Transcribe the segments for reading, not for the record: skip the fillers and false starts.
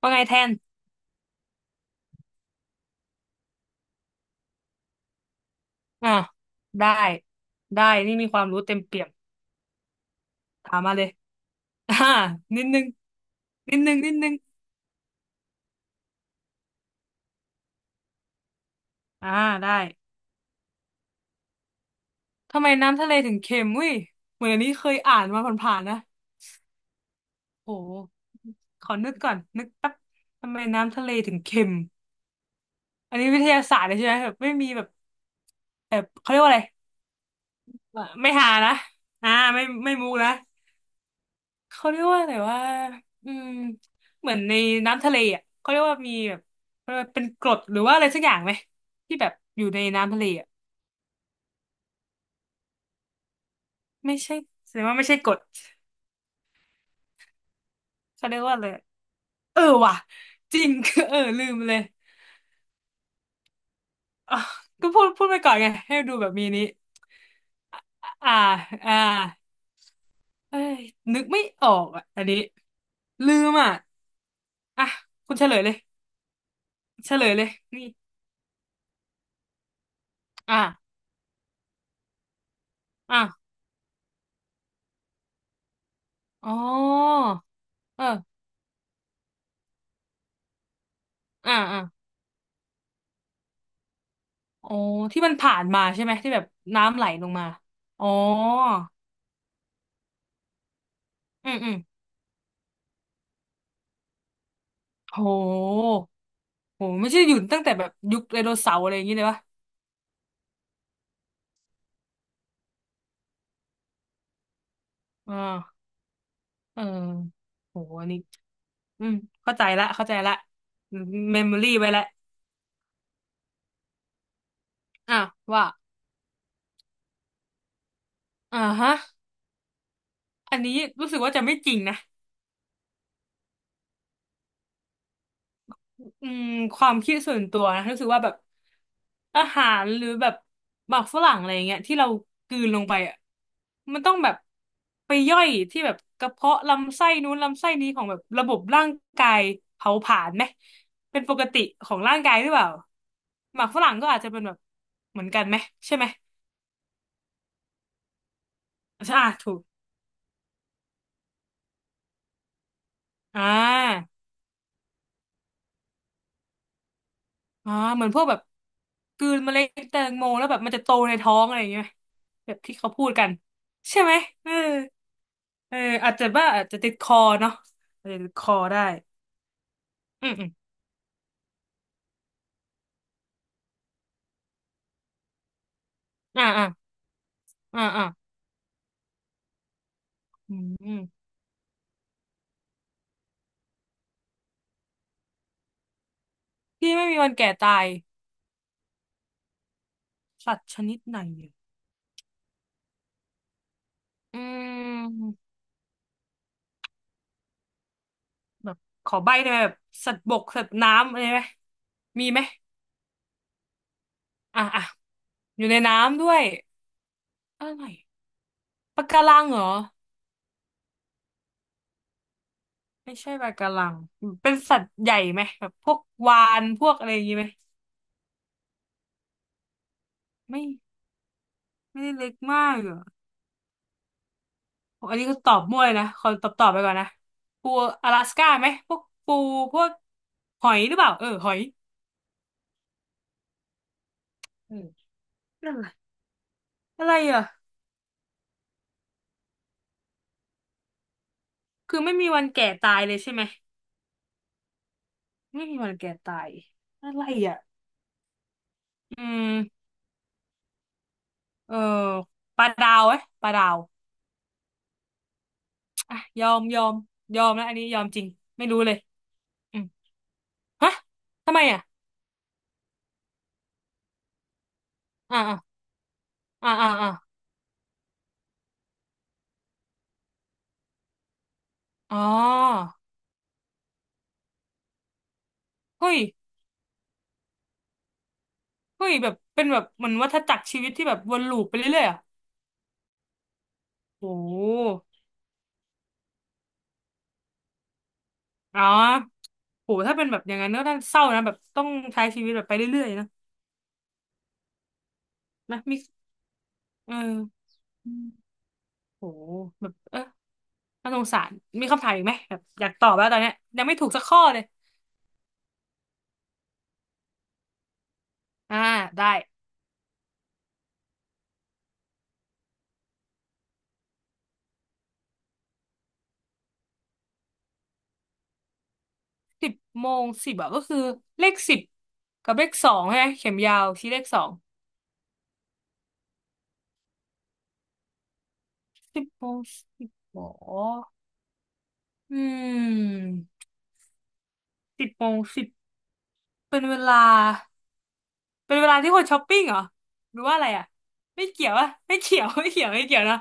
ว่าไงแทนอ่าได้ได้นี่มีความรู้เต็มเปี่ยมถามมาเลย อ่านิดนึงนิดนึงนิดนึงอ่าได้ ทำไมน้ำทะเลถึงเค็มอุ้ยเหมือนอันนี้เคยอ่านมาผ่านๆนะโหขอนึกก่อนนึกแป๊บทำไมน้ำทะเลถึงเค็มอันนี้วิทยาศาสตร์เลยใช่ไหมแบบไม่มีแบบแบบเขาเรียกว่าอะไรไม่หานะอ่าไม่ไม่มุกนะ เขาเรียกว่าอะไรว่าอืมเหมือนในน้ำทะเลอ่ะเขาเรียกว่ามีแบบเขาเรียกว่าเป็นกรดหรือว่าอะไรสักอย่างไหมที่แบบอยู่ในน้ำทะเลอ่ะไม่ใช่แสดงว่าไม่ใช่กรดเขาเรียกว่าอะไรเออว่ะจริง เออลืมเลยอ่ะก็พูดไปก่อนไงให้ดูแบบมีนี้อ่าอ่าเอ้ยนึกไม่ออกอ่ะอันนี้ลืมอ่ะอ่ะคุณเฉลยเลยเฉลยเลยนี่อ่าอ่าอ๋อเอออ่าอ่า อ๋อที่มันผ่านมาใช่ไหมที่แบบน้ำไหลลงมาอ๋ออืมอืมโหโหไม่ใช่หยุดตั้งแต่แบบยุคไดโนเสาร์อะไรอย่างนี้เลยวะอ่าเออโหอันนี้อืมเข้าใจละเข้าใจละเมมโมรี่ไว้ละอ่ะว่าอ่าฮะอันนี้รู้สึกว่าจะไม่จริงนะ อืมความคิดส่วนตัวนะรู้สึกว่าแบบอาหารหรือแบบหมักฝรั่งอะไรอย่างเงี้ยที่เรากลืนลงไปอ่ะมันต้องแบบไปย่อยที่แบบกระเพาะลำไส้นู้นลำไส้นี้ของแบบระบบร่างกายเผาผลาญไหมเป็นปกติของร่างกายหรือเปล่าหมักฝรั่งก็อาจจะเป็นแบบเหมือนกันไหมใช่ไหมใช่อ่ะถูกอ่าอ่าเหมือนพวกแบบกลืนเมล็ดแตงโมแล้วแบบมันจะโตในท้องอะไรอย่างเงี้ยแบบที่เขาพูดกันใช่ไหมเออ เอออาจจะว่าอาจจะติดคอเนาะอาจจะติดคอได้อืมอืมอ่าอ่าอ่าอ่าอืมอืมที่ไม่มีวันแก่ตายสัตว์ชนิดไหนเนี่ยอืมแบบขอใบ้ได้ไหมแบบสัตว์บกสัตว์น้ำอะไรไหมมีไหมอ่าอ่าอยู่ในน้ำด้วยอะไรปะการังเหรอไม่ใช่ปะการังเป็นสัตว์ใหญ่ไหมแบบพวกวาฬพวกอะไรอย่างงี้ไหมไม่ไม่ได้เล็กมากเหรอ อันนี้ก็ตอบมั่วเลยนะคนตอบตอบไปก่อนนะปูอลาสก้าไหมพวกปูพวกหอยหรือเปล่าเออหอยเออนั่นอะไรอะไรอ่ะคือไม่มีวันแก่ตายเลยใช่ไหมไม่มีวันแก่ตายอะไรอ่ะอืมเออปลาดาวไหมปลาดาวอ่ะยอมยอมยอมแล้วอันนี้ยอมจริงไม่รู้เลยอืมฮะทำไมอ่ะอ่าอ่าอ่าอ่าอ๋อเฮ้ยเฮ้ยแบบเป็นแบบเหมือนวัฏจักรชีวิตที่แบบวนลูปไปเรื่อยๆอ่ะโอ้อ๋อ โหถ้าเป็นแบบอย่างนั้นก็น่าเศร้านะแบบต้องใช้ชีวิตแบบไปเรื่อยๆนะนะมีเอออืมโหแบบเออน่าสงสารมีคำถามอีกไหมแบบอยากตอบแล้วตอนเนี้ยยังไม่ถูกสักข้อเลยอ่าได้สิบโมงสิบอะก็คือเลข 10กับเลขสองใช่ไหมเข็มยาวชี้เลขสองสิบโมงสิบหรออืมสิบโมงสิบเป็นเวลาเป็นเวลาที่คนช้อปปิ้งเหรอหรือว่าอะไรอะไม่เกี่ยวอะไม่เกี่ยวไม่เกี่ยวไม่เกี่ยวนะ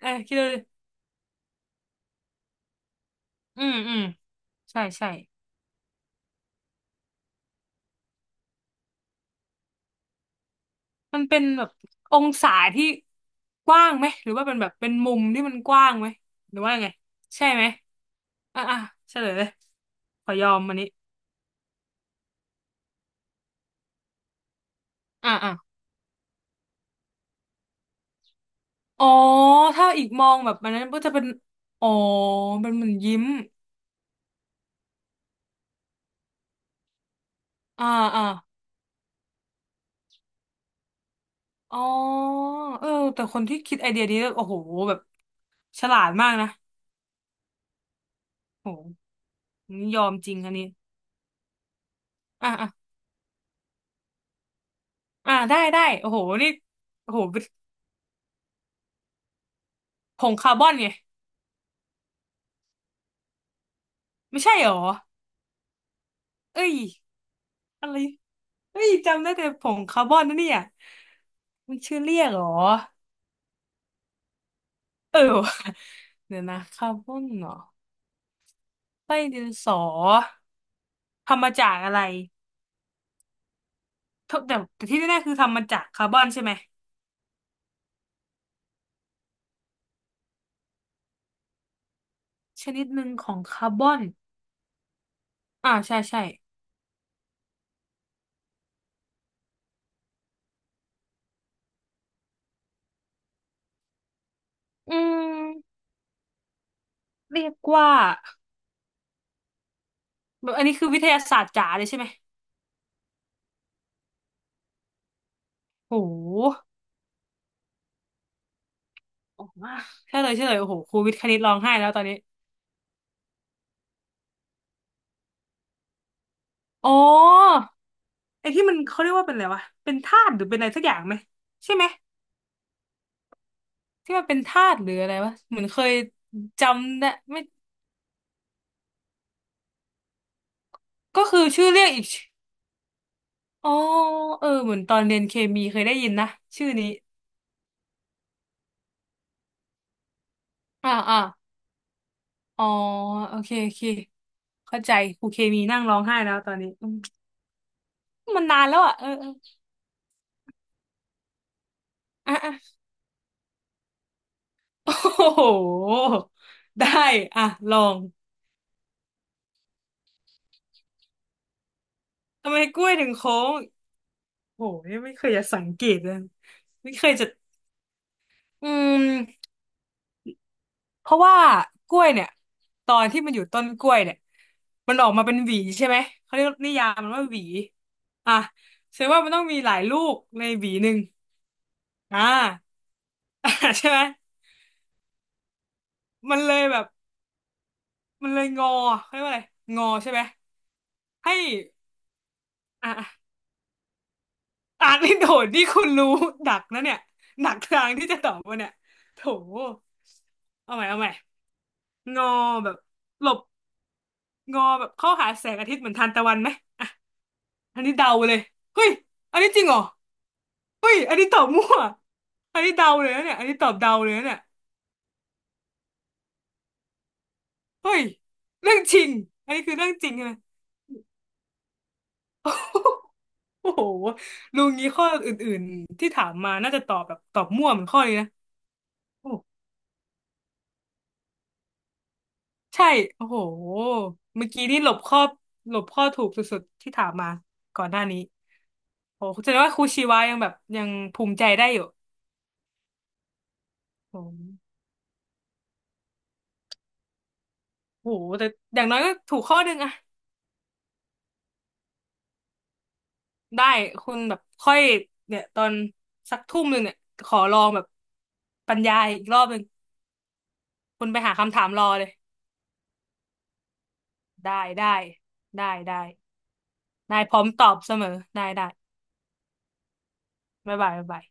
เออคิดดูดิอืมอืม ใช่ใช่มันเป็นแบบองศาที่กว้างไหมหรือว่าเป็นแบบเป็นมุมที่มันกว้างไหมหรือว่าไงใช่ไหมอ่ะอ่ะเฉลยเลยขอยอมอันนี้อ่ะอ่ะอ๋อถ้าอีกมองแบบอันนั้นก็จะเป็นอ๋อเป็นเหมือนยิ้มอ่าอ่าอ๋อเออแต่คนที่คิดไอเดียนี้แล้วโอ้โหแบบฉลาดมากนะโอ้โหนี่ยอมจริงอันนี้อ่ะอ่ะอ่ะได้ได้โอ้โหนี่โอ้โหผงคาร์บอนไงไม่ใช่หรอเอ้ยอะไร เฮ้ยจำได้แต่ผงคาร์บอนนะเนี่ยมันชื่อเรียกเหรอเออ ว่ะเดี๋ยวนะคาร์บอนเหรอไส้ดินสอทำมาจากอะไรทุกแต่แต่ที่แน่ๆคือทำมาจากคาร์บอนใช่ไหมชนิดหนึ่งของคาร์บอนอ่าใช่ใช่อืมเรียกว่าแบบอันนี้คือวิทยาศาสตร์จ๋าเลยใช่ไหมโหโอ้มากใช่เลยใช่เลยโอ้โหครูวิทย์คณิตร้องไห้แล้วตอนนี้อ๋อไอ้ที่มันเขาเรียกว่าเป็นอะไรวะเป็นธาตุหรือเป็นอะไรสักอย่างไหมใช่ไหม ที่มันเป็นธาตุหรืออะไรวะเหมือนเคยจำได้ไม่ก็คือชื่อเรียกอีกชื่ออ๋อเออเหมือนตอนเรียนเคมีเคยได้ยินนะชื่อนี้อ่าอ่าอ๋อโอเคโอเคเข้าใจครูเคมีนั่งร้องไห้แล้วตอนนี้อืมมันนานแล้วอ่ะเออเอออ่ะอ่ะ โอ้โหได้อ่ะลองทำไมกล้วยถึงโค้งโอ้โหไม่เคยจะสังเกตเลยไม่เคยจะอืม เพราะว่ากล้วยเนี่ยตอนที่มันอยู่ต้นกล้วยเนี่ยมันออกมาเป็นหวีใช่ไหมเขาเรียกนิยามมันว่าหวีอ่ะแสดงว่ามันต้องมีหลายลูกในหวีหนึ่งอ่า ใช่ไหมมันเลยแบบมันเลยงอเขาเรียกว่าอะไรงอใช่ไหมให้อ่ะอ่านนี่โดดนี่คุณรู้ดักนะเนี่ยหนักทางที่จะตอบว่าเนี่ยโถเอาใหม่เอาใหม่งอแบบหลบงอแบบเข้าหาแสงอาทิตย์เหมือนทานตะวันไหม อันนี้เดาเลยเฮ้ยอันนี้จริงเหรอเฮ้ยอันนี้ตอบมั่วอันนี้เดาเลยนะเนี่ยอันนี้ตอบเดาเลยนะเนี่ยเฮ้ยเรื่องจริงอันนี้คือเรื่องจริงใช่ไหมโอ้โหลุงนี้ข้ออื่นๆที่ถามมาน่าจะตอบแบบตอบมั่วเหมือนข้อนี้นะโอ้ใช่โอ้โหเมื่อกี้นี่หลบข้อหลบข้อถูกสุดๆที่ถามมาก่อนหน้านี้โอ้แสดงว่าครูชีวายังแบบยังภูมิใจได้อยู่โอ้โหแต่อย่างน้อยก็ถูกข้อหนึ่งอะ ได้คุณแบบค่อยเนี่ยตอนสักทุ่มหนึ่งเนี่ยขอลองแบบบรรยายอีกรอบหนึ่งคุณไปหาคำถามรอเลยได้ได้ได้ได้ได้พร้อมตอบเสมอได้ได้บ๊ายบายบ๊ายบาย